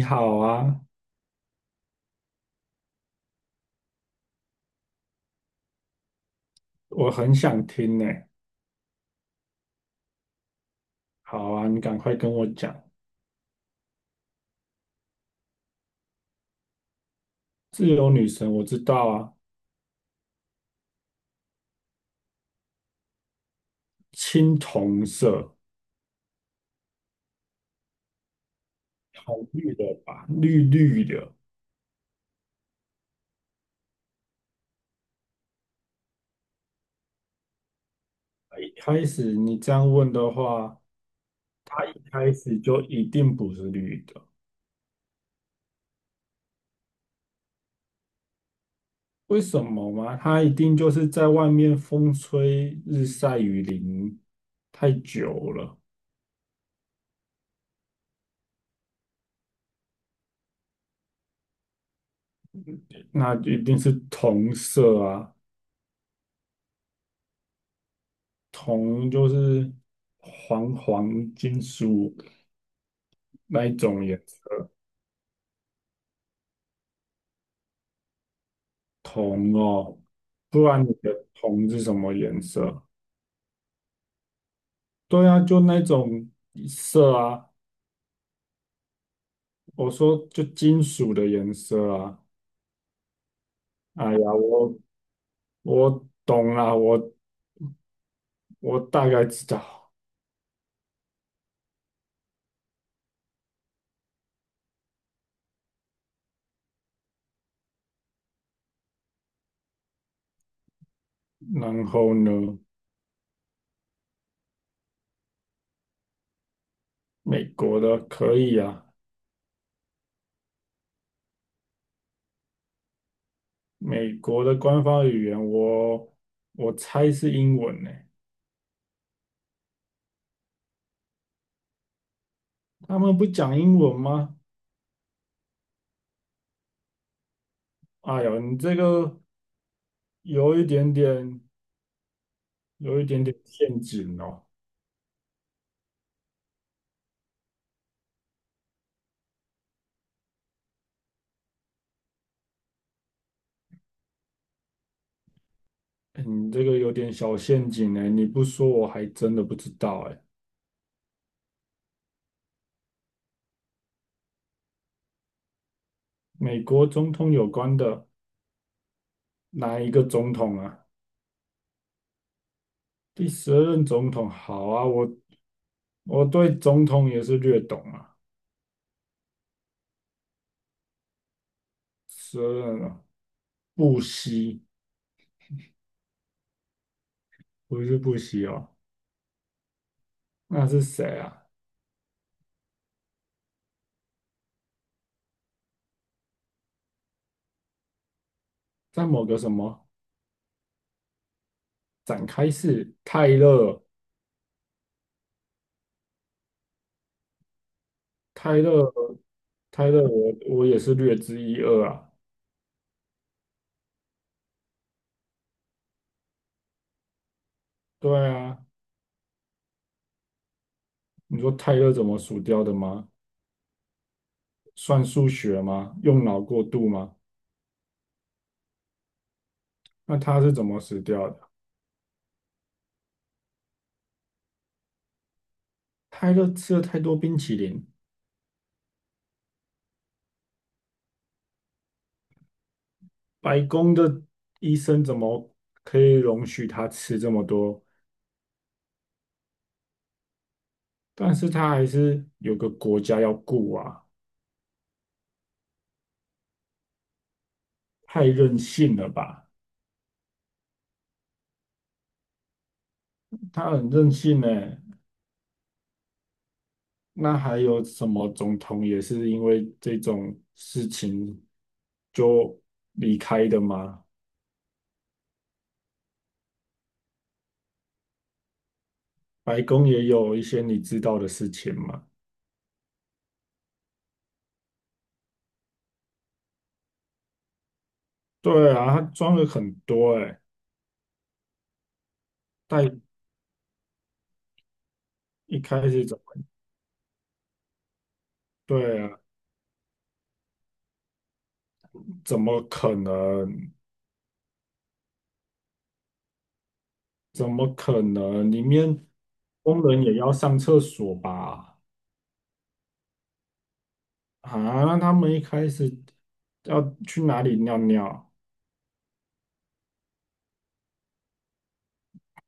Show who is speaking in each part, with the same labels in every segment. Speaker 1: 你好啊。我很想听呢。好啊，你赶快跟我讲。自由女神我知道啊，青铜色，好绿的吧，绿绿的。一开始你这样问的话，它一开始就一定不是绿的。为什么吗？它一定就是在外面风吹日晒雨淋太久了。那一定是铜色啊。铜就是黄黄金属。那一种颜色？铜哦。不然你的铜是什么颜色？对啊，就那种色啊。我说就金属的颜色啊。哎呀，我懂啦，我大概知道。然后呢，美国的可以啊。美国的官方语言我猜是英文呢。他们不讲英文吗？哎呦，你这个有一点点，有一点点陷阱哦。哎你这个有点小陷阱哎，你不说我还真的不知道哎。美国总统有关的哪一个总统啊？第12任总统，好啊，我对总统也是略懂啊。十二任啊，布希不是布希哦，那是谁啊？在某个什么展开式？泰勒，泰勒，泰勒我也是略知一二啊。对啊，你说泰勒怎么数掉的吗？算数学吗？用脑过度吗？那他是怎么死掉的？他勒吃了太多冰淇淋。白宫的医生怎么可以容许他吃这么多？但是他还是有个国家要顾啊。太任性了吧？他很任性呢。那还有什么总统也是因为这种事情就离开的吗？白宫也有一些你知道的事情嘛？对啊，他装了很多哎。但一开始怎么？对啊。怎么可能？怎么可能？里面工人也要上厕所吧？啊，那他们一开始要去哪里尿尿？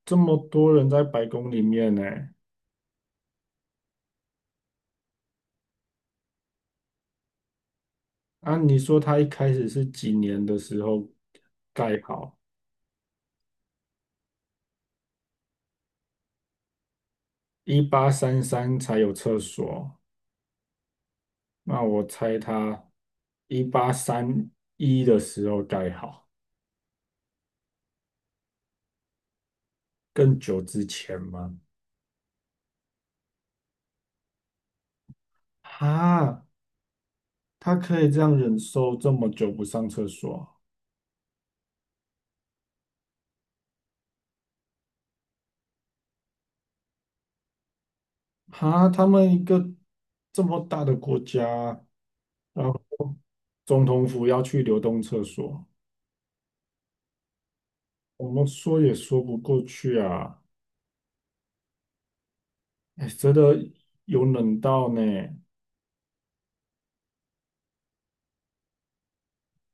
Speaker 1: 这么多人在白宫里面呢。啊，你说他一开始是几年的时候盖好？1833才有厕所。那我猜他一八三一的时候盖好。更久之前吗？啊，他可以这样忍受这么久不上厕所啊？哈，他们一个这么大的国家，然后总统府要去流动厕所，我们说也说不过去啊。哎，真的有冷到呢。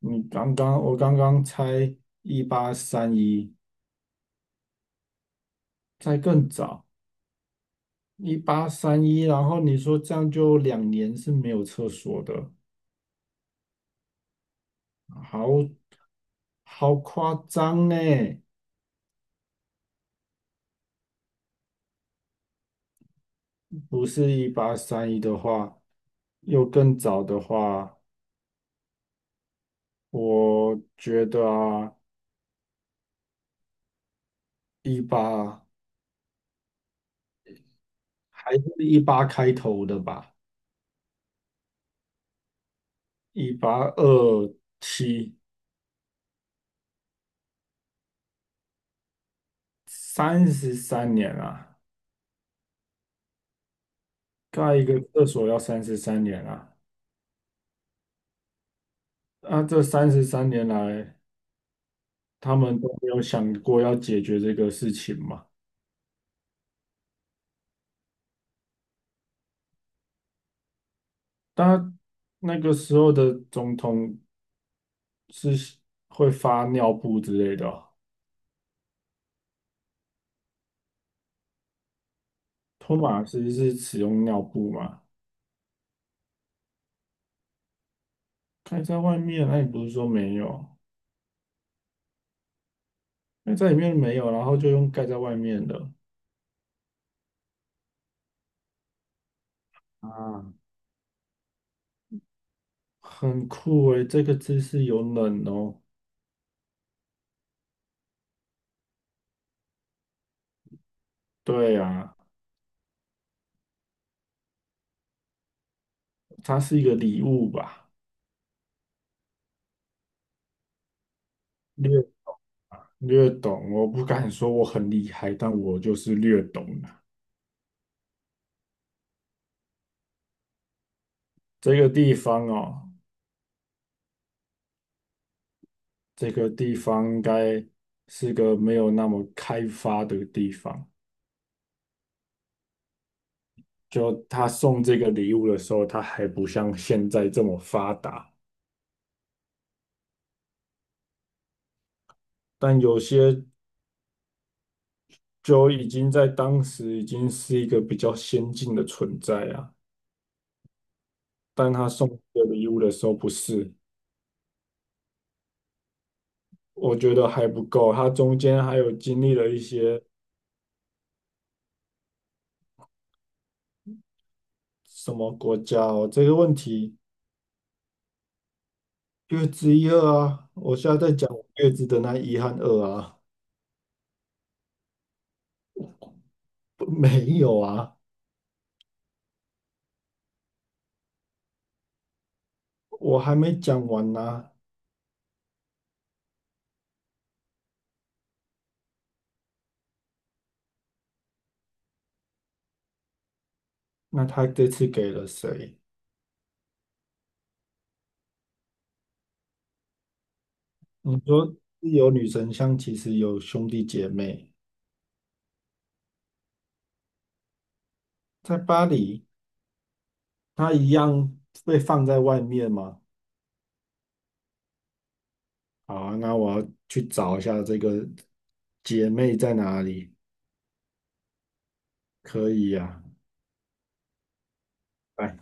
Speaker 1: 你刚刚我刚刚猜一八三一，再更早一八三一，一八三一然后你说这样就2年是没有厕所的。好，好夸张呢。不是一八三一的话，又更早的话，我觉得啊，一八还是一八开头的吧，1827，三十三年啊。盖一个厕所要三十三年啊。那这三十三年来，他们都没有想过要解决这个事情嘛？但那个时候的总统是会发尿布之类的哦。托马斯是使用尿布吗？盖在外面，那你不是说没有？那在里面没有，然后就用盖在外面的。啊，很酷诶，这个姿势有冷哦。对啊，它是一个礼物吧？略略懂，我不敢说我很厉害，但我就是略懂啊。这个地方哦，这个地方应该是个没有那么开发的地方。就他送这个礼物的时候，他还不像现在这么发达。但有些就已经在当时已经是一个比较先进的存在啊。但他送这个礼物的时候不是，我觉得还不够，他中间还有经历了一些什么国家哦。这个问题月之一二啊，我现在在讲我月之的那一和二啊。不，没有啊，我还没讲完呢。那他这次给了谁？你说有女神像，其实有兄弟姐妹，在巴黎。它一样被放在外面吗？好啊，那我要去找一下这个姐妹在哪里。可以呀，哎。